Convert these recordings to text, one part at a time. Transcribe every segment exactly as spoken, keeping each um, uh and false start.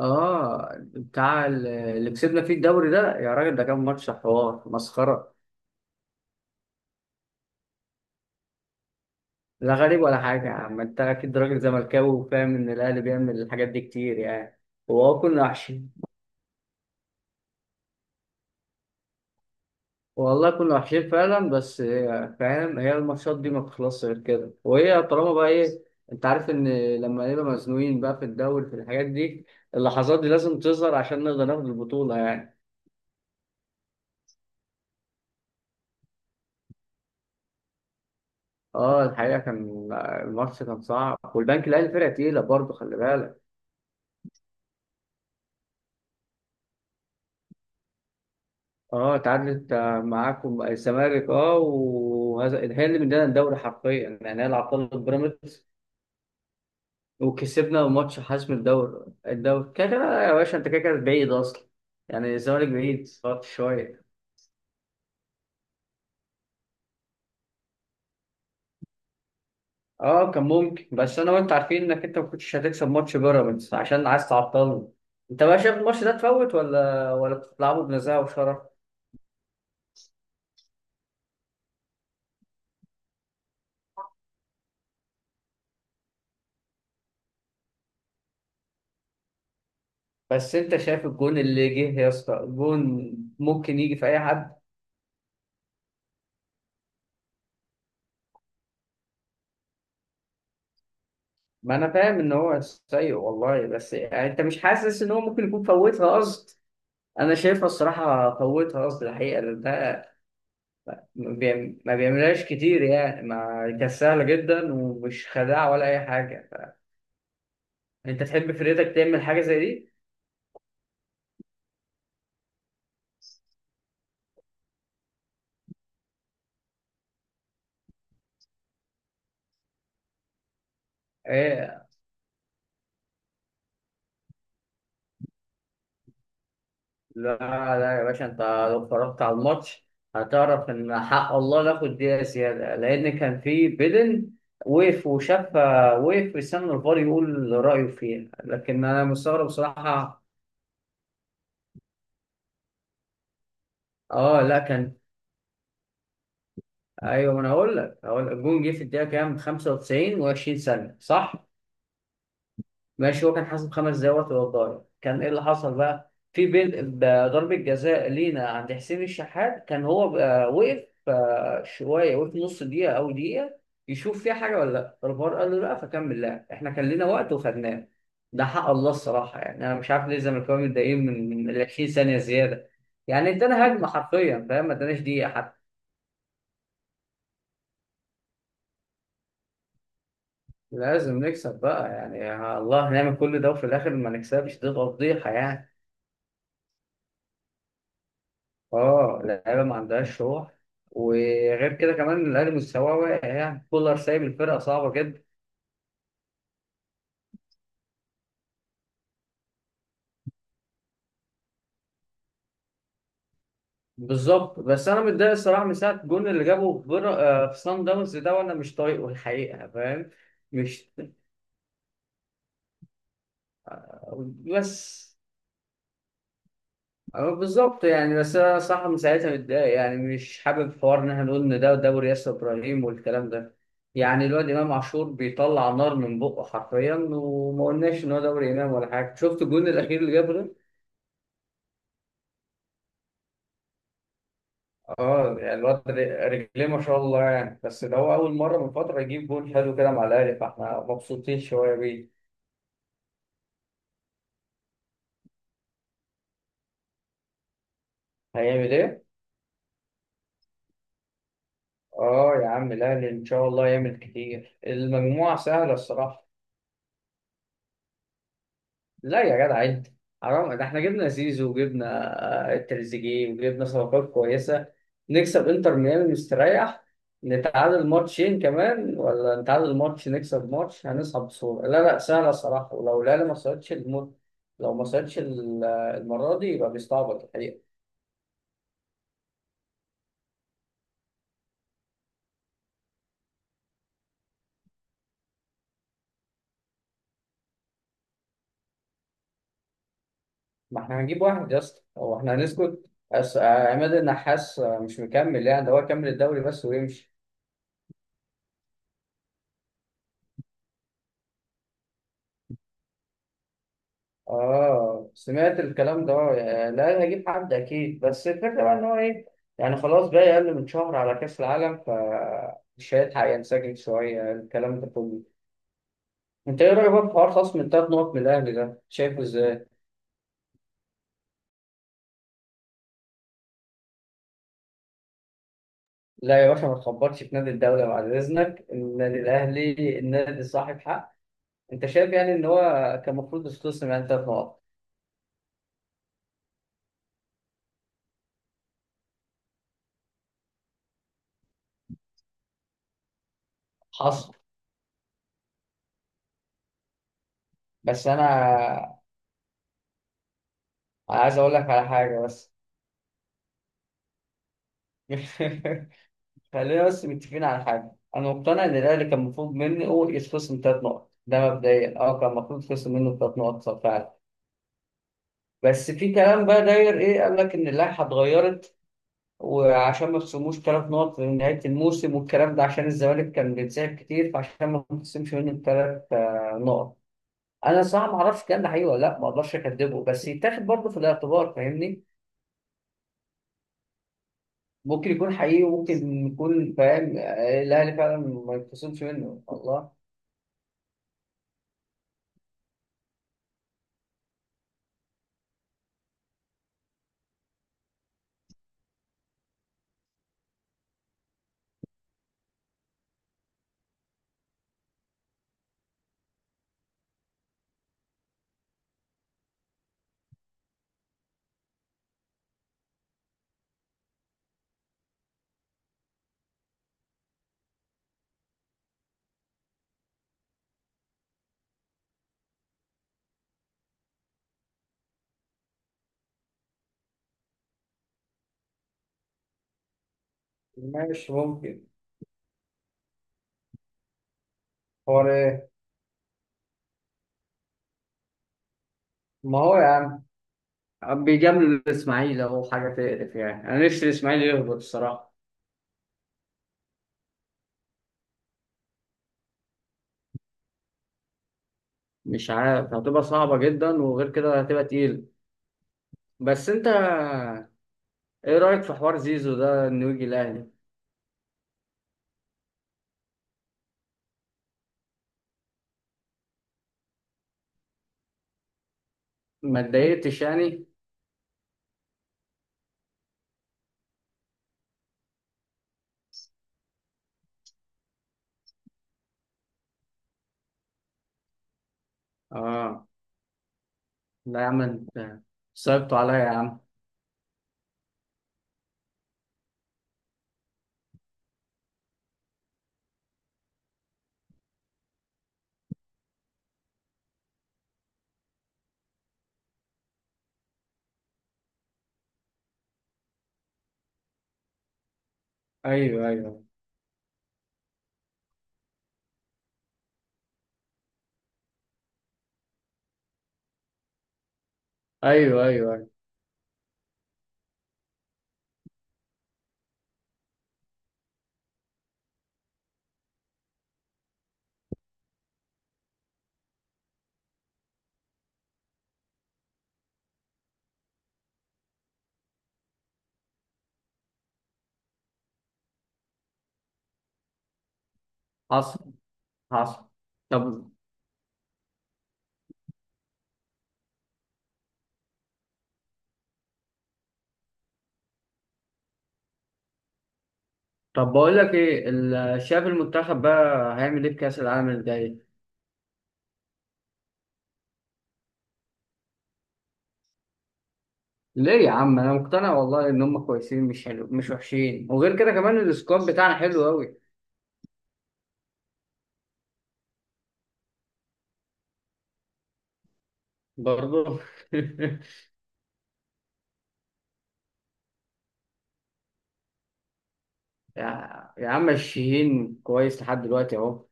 اه، بتاع ال- اللي كسبنا فيه الدوري ده، يا راجل ده كان ماتش حوار مسخره. لا غريب ولا حاجه يا عم، انت اكيد راجل زملكاوي وفاهم ان الاهلي بيعمل الحاجات دي كتير يعني. وهو كنا وحشين. والله كنا وحشين فعلا، بس هي- فاهم هي الماتشات دي ما بتخلصش غير كده، وهي طالما بقى ايه. انت عارف ان لما نبقى مزنوقين بقى في الدوري في الحاجات دي، اللحظات دي لازم تظهر عشان نقدر ناخد البطوله يعني. اه الحقيقه، كان الماتش كان صعب، والبنك الاهلي فرقه تقيله برضه خلي بالك. اه تعادلت معاكم الزمالك، اه، وهذا هي اللي مدانا الدوري حرفيا، يعني هي اللي عطلت بيراميدز وكسبنا ماتش حسم الدوري. الدوري كده كده يا باشا، انت كده كده بعيد اصلا، يعني الزمالك بعيد فرط شويه. اه كان ممكن، بس انا وانت عارفين انك انت ما كنتش هتكسب ماتش بيراميدز عشان عايز تعطلني. انت بقى شايف الماتش ده تفوت ولا ولا بتلعبه بنزاهه وشرف؟ بس انت شايف الجون اللي جه يا اسطى، الجون ممكن يجي في اي حد. ما انا فاهم ان هو سيء والله، بس يعني انت مش حاسس ان هو ممكن يكون فوتها قصد؟ انا شايفها الصراحه فوتها قصد الحقيقه، لان ده ما بيعم- ما بيعملهاش كتير يعني. ما كانت سهله جدا ومش خداع ولا اي حاجه. انت تحب فريتك تعمل حاجه زي دي؟ ايه؟ لا لا يا باشا، انت لو اتفرجت على الماتش هتعرف ان حق الله ناخد دقيقه زياده، لان كان في بيدن. وقف وشاف، وقف في السنه الفار يقول رايه فيها، لكن انا مستغرب بصراحه. اه لا كان، ايوه، ما انا اقول لك، هقول لك الجون جه في الدقيقه كام؟ خمسة وتسعين و20 ثانيه، صح؟ ماشي، هو كان حاسب خمس دقايق وقت الضايع. كان ايه اللي حصل بقى في بين ب- ضربه جزاء لينا عند حسين الشحات، كان هو بقى وقف آه، شويه، وقف نص دقيقه او دقيقه يشوف فيها حاجه ولا لا. الفار قال له لا فكمل لعب، احنا كان لنا وقت وخدناه. ده حق الله الصراحه، يعني انا مش عارف ليه الزملكاويه متضايقين من من ال عشرين ثانيه زياده. يعني ادانا هجمه حرفيا، فاهم؟ ما اداناش دقيقه. لازم نكسب بقى يعني، يا الله نعمل كل ده وفي الاخر ما نكسبش، دي تفضيحه يعني. اه، اللعيبه ما عندهاش روح، وغير كده كمان الاهلي مستواه واقع، يعني كولر سايب الفرقه صعبه جدا. بالظبط، بس انا متضايق الصراحه من ساعه الجون اللي جابه في بر... آه، في صن داونز ده، وانا مش طايقه الحقيقه، فاهم؟ مش بس أه، بالظبط يعني. بس انا صح من ساعتها متضايق، يعني مش حابب حوار ان احنا نقول ان ده دوري ياسر ابراهيم والكلام ده. يعني الواد امام عاشور بيطلع نار من بقه حرفيا، وما قلناش ان هو دوري امام ولا حاجه. شفت الجون الاخير اللي جابه ده؟ اه، يعني الواد ر- رجليه ما شاء الله يعني، بس ده هو اول مره من فتره يجيب جون حلو كده مع الاهلي، فاحنا مبسوطين شويه بيه. هيعمل ايه؟ اه يا عم الاهلي ان شاء الله يعمل كتير، المجموعه سهله الصراحه. لا يا جدع انت، حرام، ده احنا جبنا زيزو وجبنا آه، تريزيجيه وجبنا صفقات كويسه. نكسب انتر ميامي مستريح، نتعادل ماتشين كمان ولا نتعادل ماتش نكسب ماتش، هنصعد بسهوله. لا لا سهله الصراحه، ولو لا لا ما صعدش الم... لو ما صعدش ال- المره دي يبقى بيستعبط الحقيقه. ما احنا هنجيب واحد يا اسطى، هو احنا هنسكت؟ أس- عماد النحاس مش مكمل يعني، ده هو كمل الدوري بس ويمشي. اه سمعت الكلام ده، آه، يعني لا أنا هجيب حد اكيد، بس الفكره بقى ان هو ايه. يعني خلاص بقى اقل من شهر على كاس العالم، فمش هيلحق ينسجم شويه الكلام ده كله. انت ايه رايك بقى في حوار خصم التلات نقط من الاهلي ده، شايفه ازاي؟ لا يا باشا، ما تخبطش في نادي الدوله بعد اذنك، النادي الاهلي النادي صاحب حق. انت شايف يعني ان هو كان المفروض يتخصم يعني تلات نقط؟ حصل. بس انا عايز اقول لك على حاجه، بس. خلينا بس متفقين على حاجة، أنا مقتنع إن الأهلي كان المفروض مني هو يتخصم تلات نقط، ده مبدئيا. أه كان المفروض يتخصم منه تلات نقط صح، فعلا. بس في كلام بقى داير، إيه قال لك إن اللائحة اتغيرت؟ وعشان ما يخصموش تلات نقط في نهاية الموسم والكلام ده، عشان الزمالك كان بيتسحب كتير، فعشان ما يتخصمش منه التلات آه، نقط. أنا صراحة ما أعرفش الكلام ده حقيقي ولا لأ، ما أقدرش أكدبه، بس يتاخد برضه في الاعتبار، فاهمني؟ ممكن يكون حقيقي وممكن يكون فاهم آه، الأهلي فعلا ما يتخصمش منه الله. ماشي ممكن. هو ليه؟ ما هو يا عم بيجامل الاسماعيلي اهو، حاجه تقرف يعني، انا نفسي الاسماعيلي يهبط الصراحه. مش عارف، هتبقى صعبه جدا، وغير كده هتبقى تقيل. بس انت ايه رايك في حوار زيزو ده، انه يجي الاهلي؟ ما اتضايقتش يعني. اه لا يا عم انت، صعبتوا عليا يا عم. ايوه، ايوه، ايوه، ايوه، ايوه. حصل، حصل. طب، طب بقول لك ايه ال- شايف المنتخب بقى هيعمل ايه في كاس العالم الجاي؟ ليه يا عم، انا مقتنع والله ان هم كويسين، مش حلو مش وحشين، وغير كده كمان السكواد بتاعنا حلو قوي. برضه. يا يا عم الشهين كويس لحد دلوقتي اهو.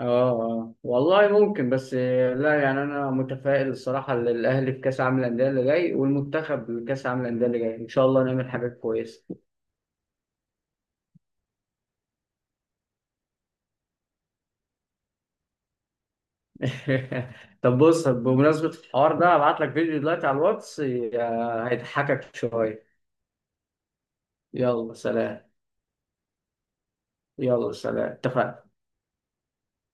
اه، آه. والله ممكن، بس آه، لا يعني انا متفائل الصراحه للاهلي في كاس عالم الانديه اللي جاي، والمنتخب لكاس عالم الانديه اللي جاي ان شاء الله نعمل حاجات كويسه. طب بص، بمناسبه الحوار ده هبعت لك فيديو دلوقتي على الواتس، آه، هيضحكك شويه. يلا سلام. يلا سلام، اتفقنا.